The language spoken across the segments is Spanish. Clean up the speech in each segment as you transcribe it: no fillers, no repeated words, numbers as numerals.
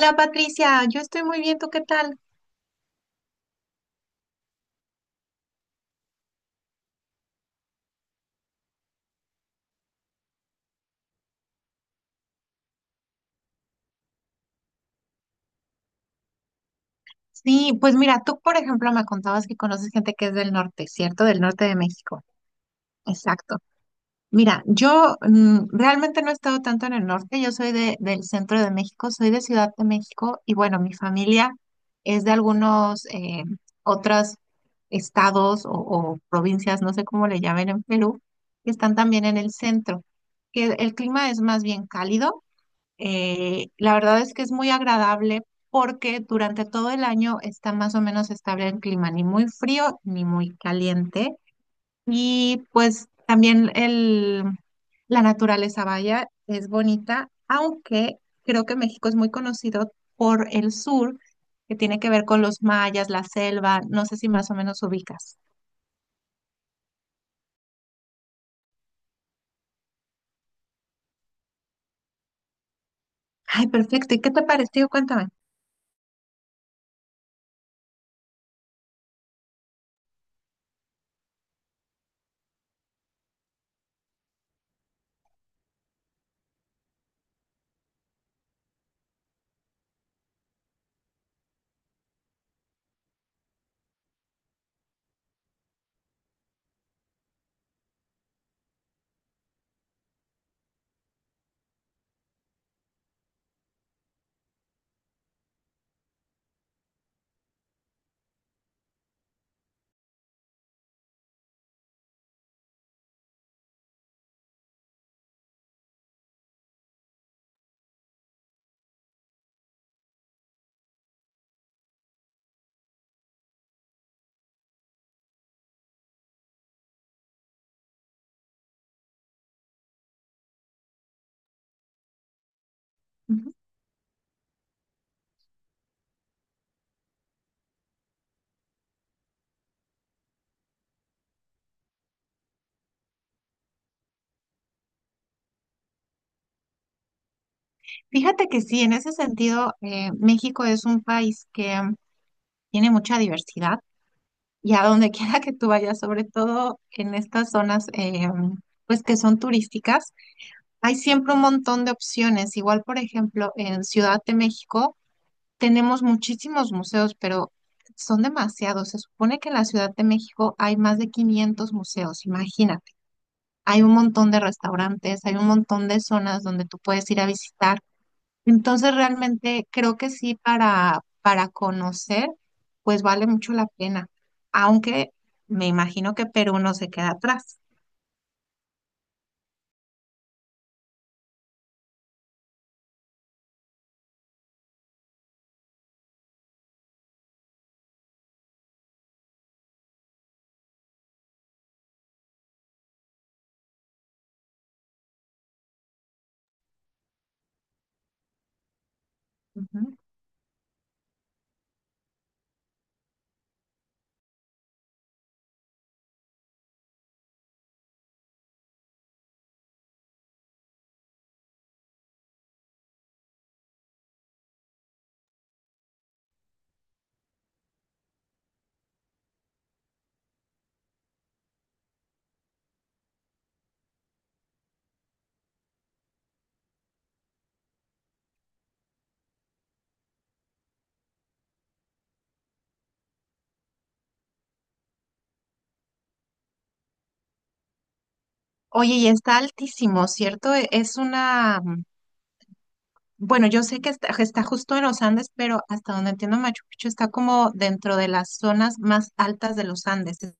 Hola Patricia, yo estoy muy bien, ¿tú qué tal? Sí, pues mira, tú por ejemplo me contabas que conoces gente que es del norte, ¿cierto? Del norte de México. Exacto. Mira, yo realmente no he estado tanto en el norte. Yo soy del centro de México, soy de Ciudad de México, y bueno, mi familia es de algunos otros estados o provincias, no sé cómo le llamen en Perú, que están también en el centro, que el clima es más bien cálido. La verdad es que es muy agradable porque durante todo el año está más o menos estable el clima, ni muy frío ni muy caliente. Y pues también la naturaleza, vaya, es bonita, aunque creo que México es muy conocido por el sur, que tiene que ver con los mayas, la selva, no sé si más o menos ubicas. Ay, perfecto. ¿Y qué te pareció? Cuéntame. Ujú. Fíjate que sí, en ese sentido, México es un país que tiene mucha diversidad, y a donde quiera que tú vayas, sobre todo en estas zonas pues que son turísticas, hay siempre un montón de opciones. Igual, por ejemplo, en Ciudad de México tenemos muchísimos museos, pero son demasiados. Se supone que en la Ciudad de México hay más de 500 museos, imagínate. Hay un montón de restaurantes, hay un montón de zonas donde tú puedes ir a visitar. Entonces realmente creo que sí, para conocer, pues vale mucho la pena, aunque me imagino que Perú no se queda atrás. Ujú. Oye, y está altísimo, ¿cierto? Es una, bueno, yo sé que está justo en los Andes, pero hasta donde entiendo Machu Picchu está como dentro de las zonas más altas de los Andes.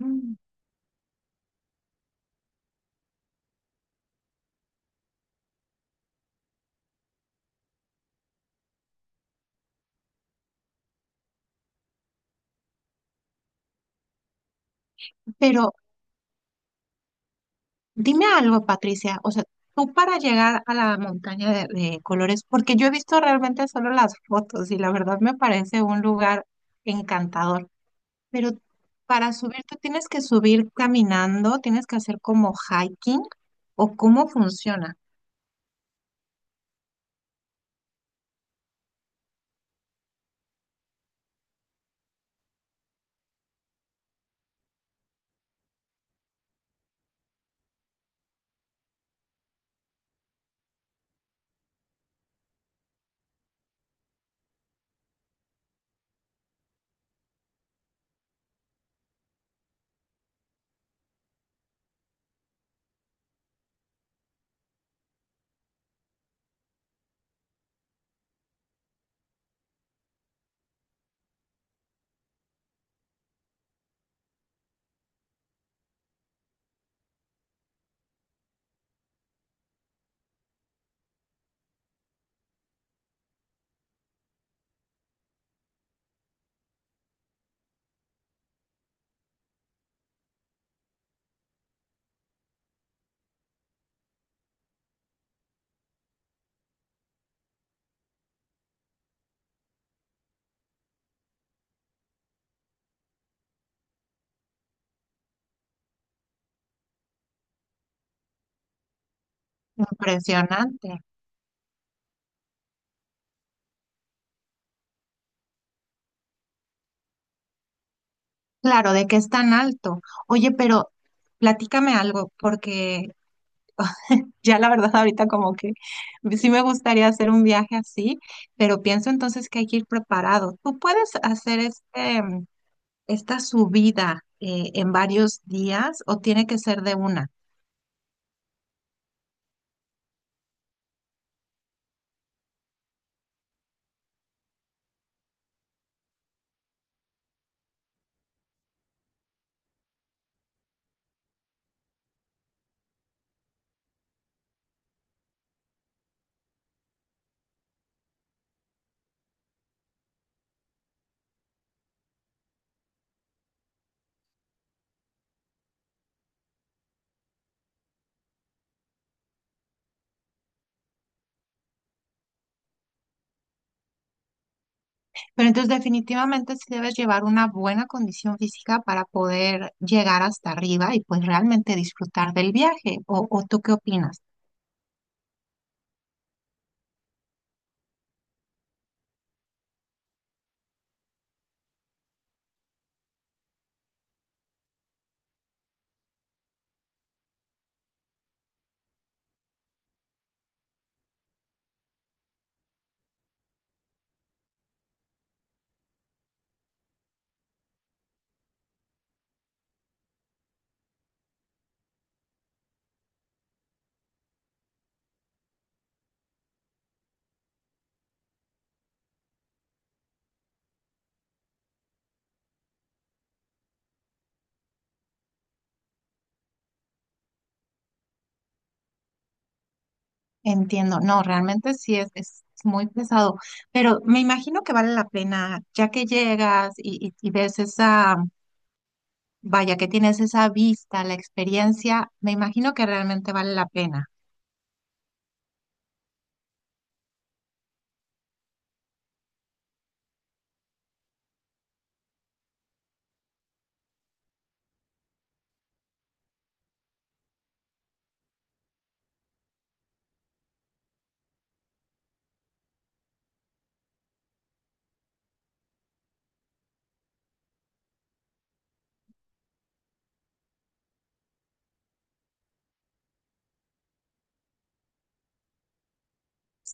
Mm, Pero, dime algo, Patricia, o sea, tú para llegar a la montaña de colores, porque yo he visto realmente solo las fotos y la verdad me parece un lugar encantador, pero para subir tú tienes que subir caminando, tienes que hacer como hiking, o cómo funciona. Impresionante. Claro, de que es tan alto. Oye, pero platícame algo, porque ya la verdad ahorita como que sí me gustaría hacer un viaje así, pero pienso entonces que hay que ir preparado. Tú puedes hacer esta subida en varios días, o tiene que ser de una. Pero entonces definitivamente sí debes llevar una buena condición física para poder llegar hasta arriba y pues realmente disfrutar del viaje. ¿O tú qué opinas? Entiendo, no, realmente sí es muy pesado, pero me imagino que vale la pena ya que llegas y ves esa, vaya, que tienes esa vista, la experiencia, me imagino que realmente vale la pena.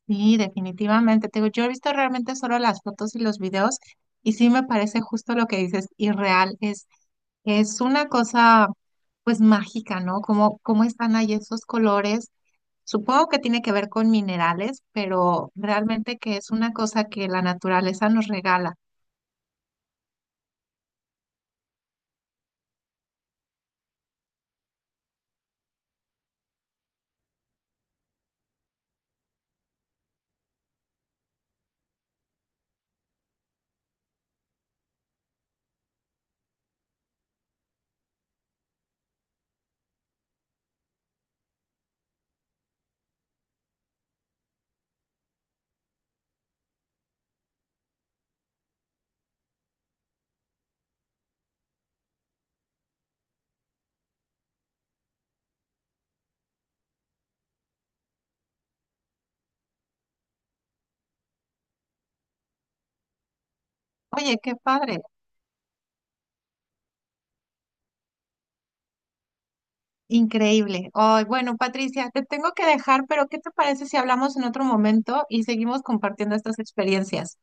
Sí, definitivamente. Te digo, yo he visto realmente solo las fotos y los videos, y sí me parece justo lo que dices, irreal. Es una cosa pues mágica, ¿no? Cómo están ahí esos colores. Supongo que tiene que ver con minerales, pero realmente que es una cosa que la naturaleza nos regala. Oye, qué padre. Increíble. Ay, bueno, Patricia, te tengo que dejar, pero ¿qué te parece si hablamos en otro momento y seguimos compartiendo estas experiencias?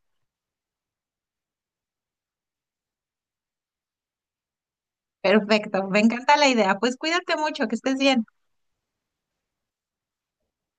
Perfecto, me encanta la idea. Pues cuídate mucho, que estés bien.